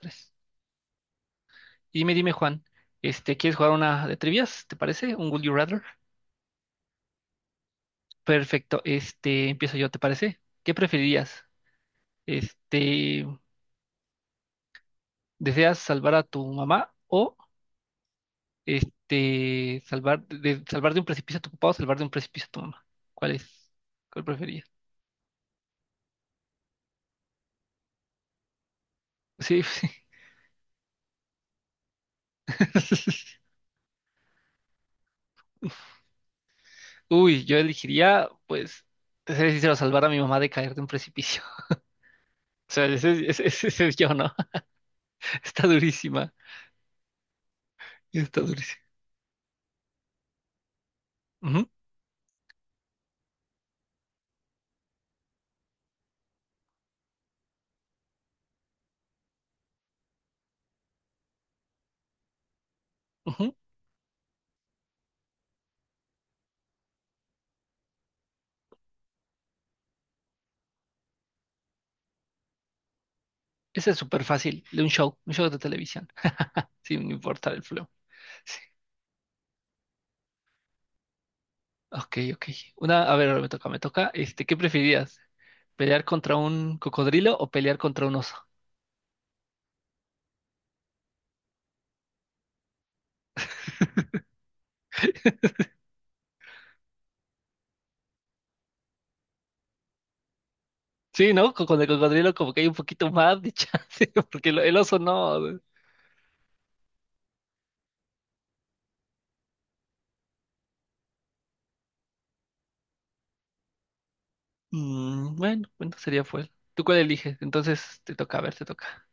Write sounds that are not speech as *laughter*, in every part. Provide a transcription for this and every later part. Tres. Y Dime, Juan, ¿quieres jugar una de trivias? ¿Te parece? ¿Un Would You Rather? Perfecto, empiezo yo, ¿te parece? ¿Qué preferirías? Este, ¿Deseas salvar a tu mamá o salvar de un precipicio a tu papá o salvar de un precipicio a tu mamá? ¿Cuál es? ¿Cuál preferirías? Sí, *laughs* sí. Uy, yo elegiría, pues, te seré sincero, salvar a mi mamá de caer de un precipicio. O sea, ese es yo, ¿no? *laughs* Está durísima, está durísima. Ujú, ujú. Ese es súper fácil, de un show de televisión, sin importar el flow. Sí. Ok, ok. A ver, ahora me toca, me toca. ¿Qué preferirías? ¿Pelear contra un cocodrilo o pelear contra un oso? Sí, ¿no? Con el cocodrilo como que hay un poquito más de chance, *laughs* porque el oso no. Bueno, bueno, sería fue. ¿Tú cuál eliges? Entonces te toca, a ver, te toca.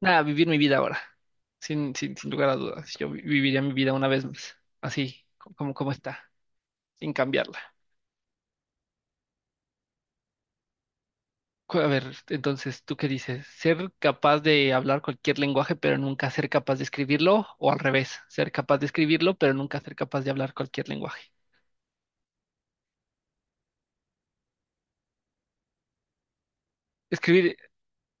Nada, vivir mi vida ahora, sin lugar a dudas. Yo viviría mi vida una vez más, así como está, sin cambiarla. A ver, entonces, ¿tú qué dices? ¿Ser capaz de hablar cualquier lenguaje pero nunca ser capaz de escribirlo? ¿O al revés, ser capaz de escribirlo pero nunca ser capaz de hablar cualquier lenguaje? Escribir,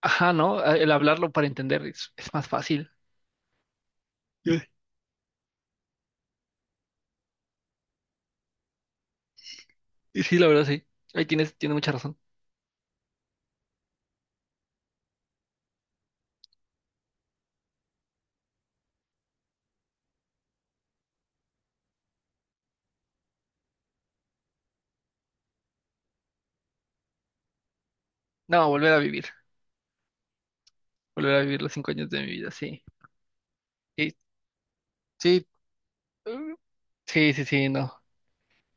ajá, ¿no? El hablarlo para entender es más fácil. Eh, Y sí, la verdad, sí. Ahí tienes, tienes mucha razón. No, volver a vivir. Volver a vivir los 5 años de mi vida, sí. Sí, sí, eh, sí, sí, sí, no.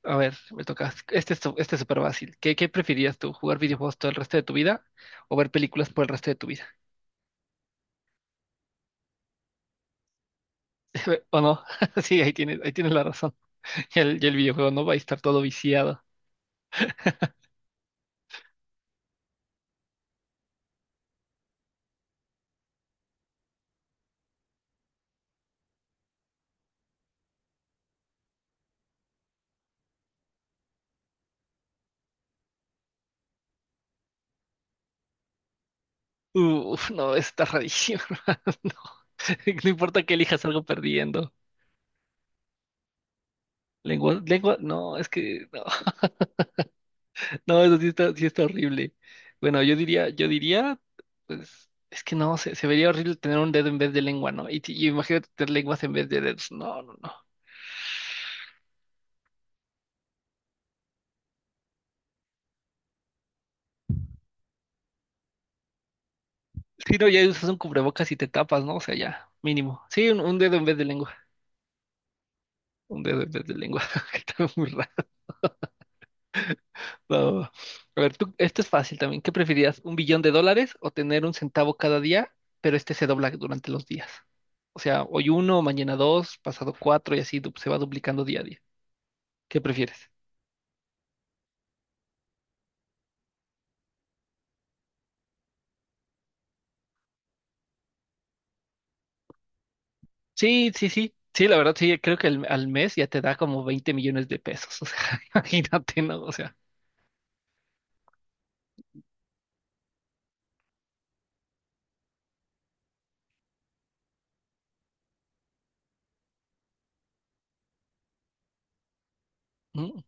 A ver, me toca. Este es súper fácil. ¿Qué preferirías tú? ¿Jugar videojuegos todo el resto de tu vida o ver películas por el resto de tu vida? *laughs* O no, *laughs* sí, ahí tienes la razón. *laughs* Y el videojuego no va a estar todo viciado. Uf, no, está rarísimo. *laughs* Hermano, no, no importa que elijas algo perdiendo. Lengua, lengua, no, es que no, *laughs* no, eso sí está horrible. Bueno, yo diría, pues, es que no, se vería horrible tener un dedo en vez de lengua, ¿no? Y imagínate tener lenguas en vez de dedos. No, no, no. Si no, ya usas un cubrebocas y te tapas, ¿no? O sea, ya, mínimo. Sí, un dedo en vez de lengua. Un dedo en vez de lengua. *laughs* Está muy. No. A ver, tú, esto es fácil también. ¿Qué preferías? ¿Un billón de dólares o tener un centavo cada día, pero este se dobla durante los días? O sea, hoy uno, mañana dos, pasado cuatro y así se va duplicando día a día. ¿Qué prefieres? Sí, sí, sí. Sí, la verdad, sí, creo que al mes ya te da como 20 millones de pesos. O sea, *laughs* imagínate, ¿no? O sea, mm,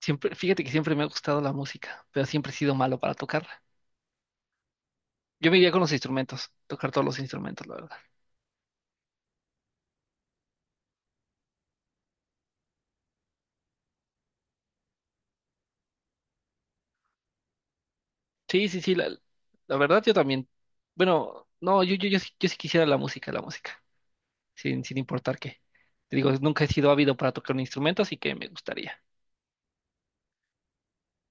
siempre, fíjate que siempre me ha gustado la música, pero siempre he sido malo para tocarla. Yo me iría con los instrumentos, tocar todos los instrumentos, la verdad. Sí, sí, sí, la verdad yo también. Bueno, no, yo, sí, yo sí quisiera la música, sin importar qué. Te digo, nunca he sido ávido para tocar un instrumento, así que me gustaría.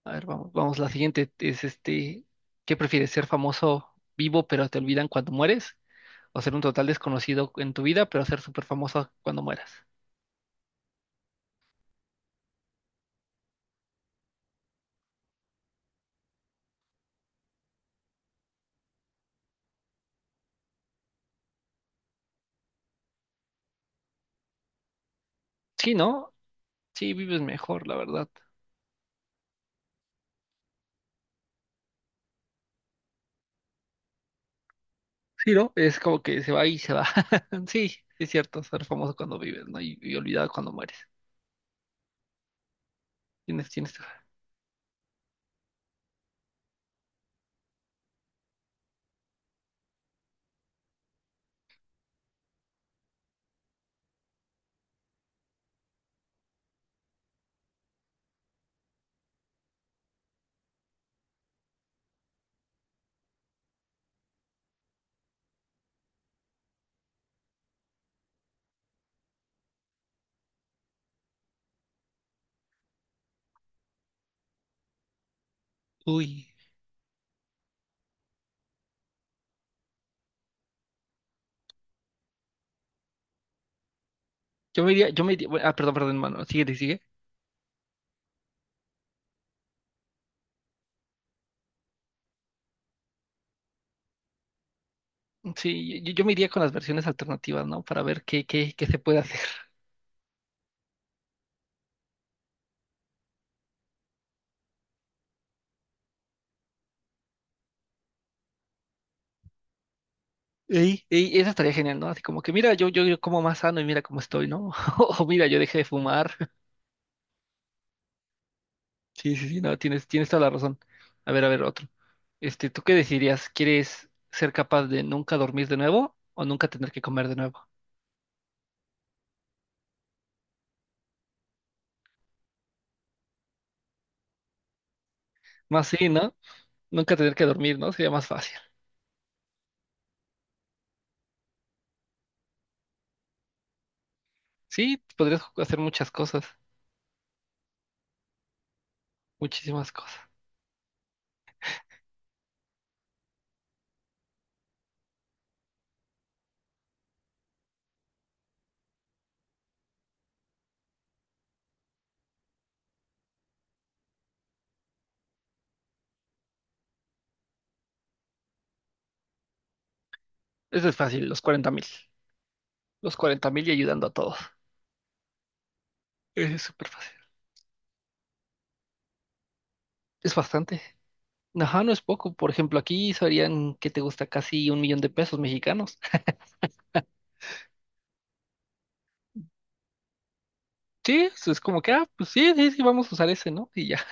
A ver, vamos, vamos, la siguiente es este, ¿qué prefieres? ¿Ser famoso vivo pero te olvidan cuando mueres? ¿O ser un total desconocido en tu vida pero ser súper famoso cuando mueras? Sí, ¿no? Sí, vives mejor, la verdad. Sí, ¿no? Es como que se va y se va. *laughs* Sí, sí es cierto, ser famoso cuando vives, ¿no? Y olvidado cuando mueres. Tienes, tienes. Uy. Yo me iría, bueno, ah, perdón, perdón, hermano, sigue, sigue. Sí, yo me iría con las versiones alternativas, ¿no? Para ver qué se puede hacer. Y eso estaría genial, ¿no? Así como que mira, yo como más sano y mira cómo estoy, ¿no? *laughs* O mira, yo dejé de fumar. *laughs* Sí, sí, sí, no, tienes, tienes toda la razón. A ver, otro. Este, ¿tú qué decidirías? ¿Quieres ser capaz de nunca dormir de nuevo o nunca tener que comer de nuevo? Más sí, ¿no? Nunca tener que dormir, ¿no? Sería más fácil. Sí, podrías hacer muchas cosas, muchísimas cosas. Eso es fácil, los 40 mil. Los 40 mil y ayudando a todos. Es súper fácil. Es bastante. Ajá, no es poco. Por ejemplo, aquí serían que te gusta casi un millón de pesos mexicanos. Sí, eso es como que, ah, pues sí, sí, sí, vamos a usar ese, ¿no? Y ya.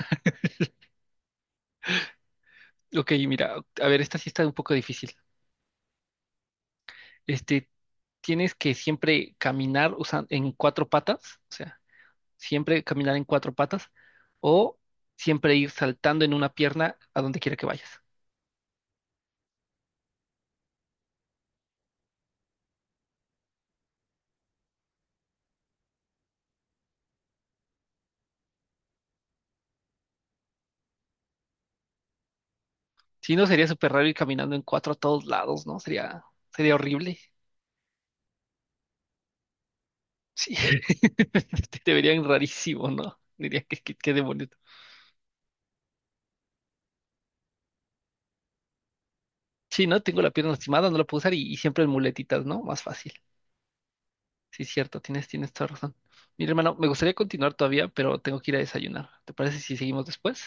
*laughs* Ok, mira, a ver, esta sí está un poco difícil. Este, tienes que siempre caminar en cuatro patas, o sea, siempre caminar en cuatro patas, o siempre ir saltando en una pierna a donde quiera que vayas. Si no, sería súper raro ir caminando en cuatro a todos lados, ¿no? sería, horrible. Sí, *laughs* te verían rarísimo, ¿no? Dirías qué demonios. Sí, ¿no? Tengo la pierna lastimada, no la puedo usar y siempre en muletitas, ¿no? Más fácil. Sí, cierto, tienes, tienes toda razón. Mira, hermano, me gustaría continuar todavía, pero tengo que ir a desayunar. ¿Te parece si seguimos después?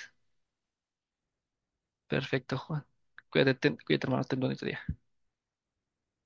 Perfecto, Juan. Cuídate, cuídate, hermano, ten bonito día.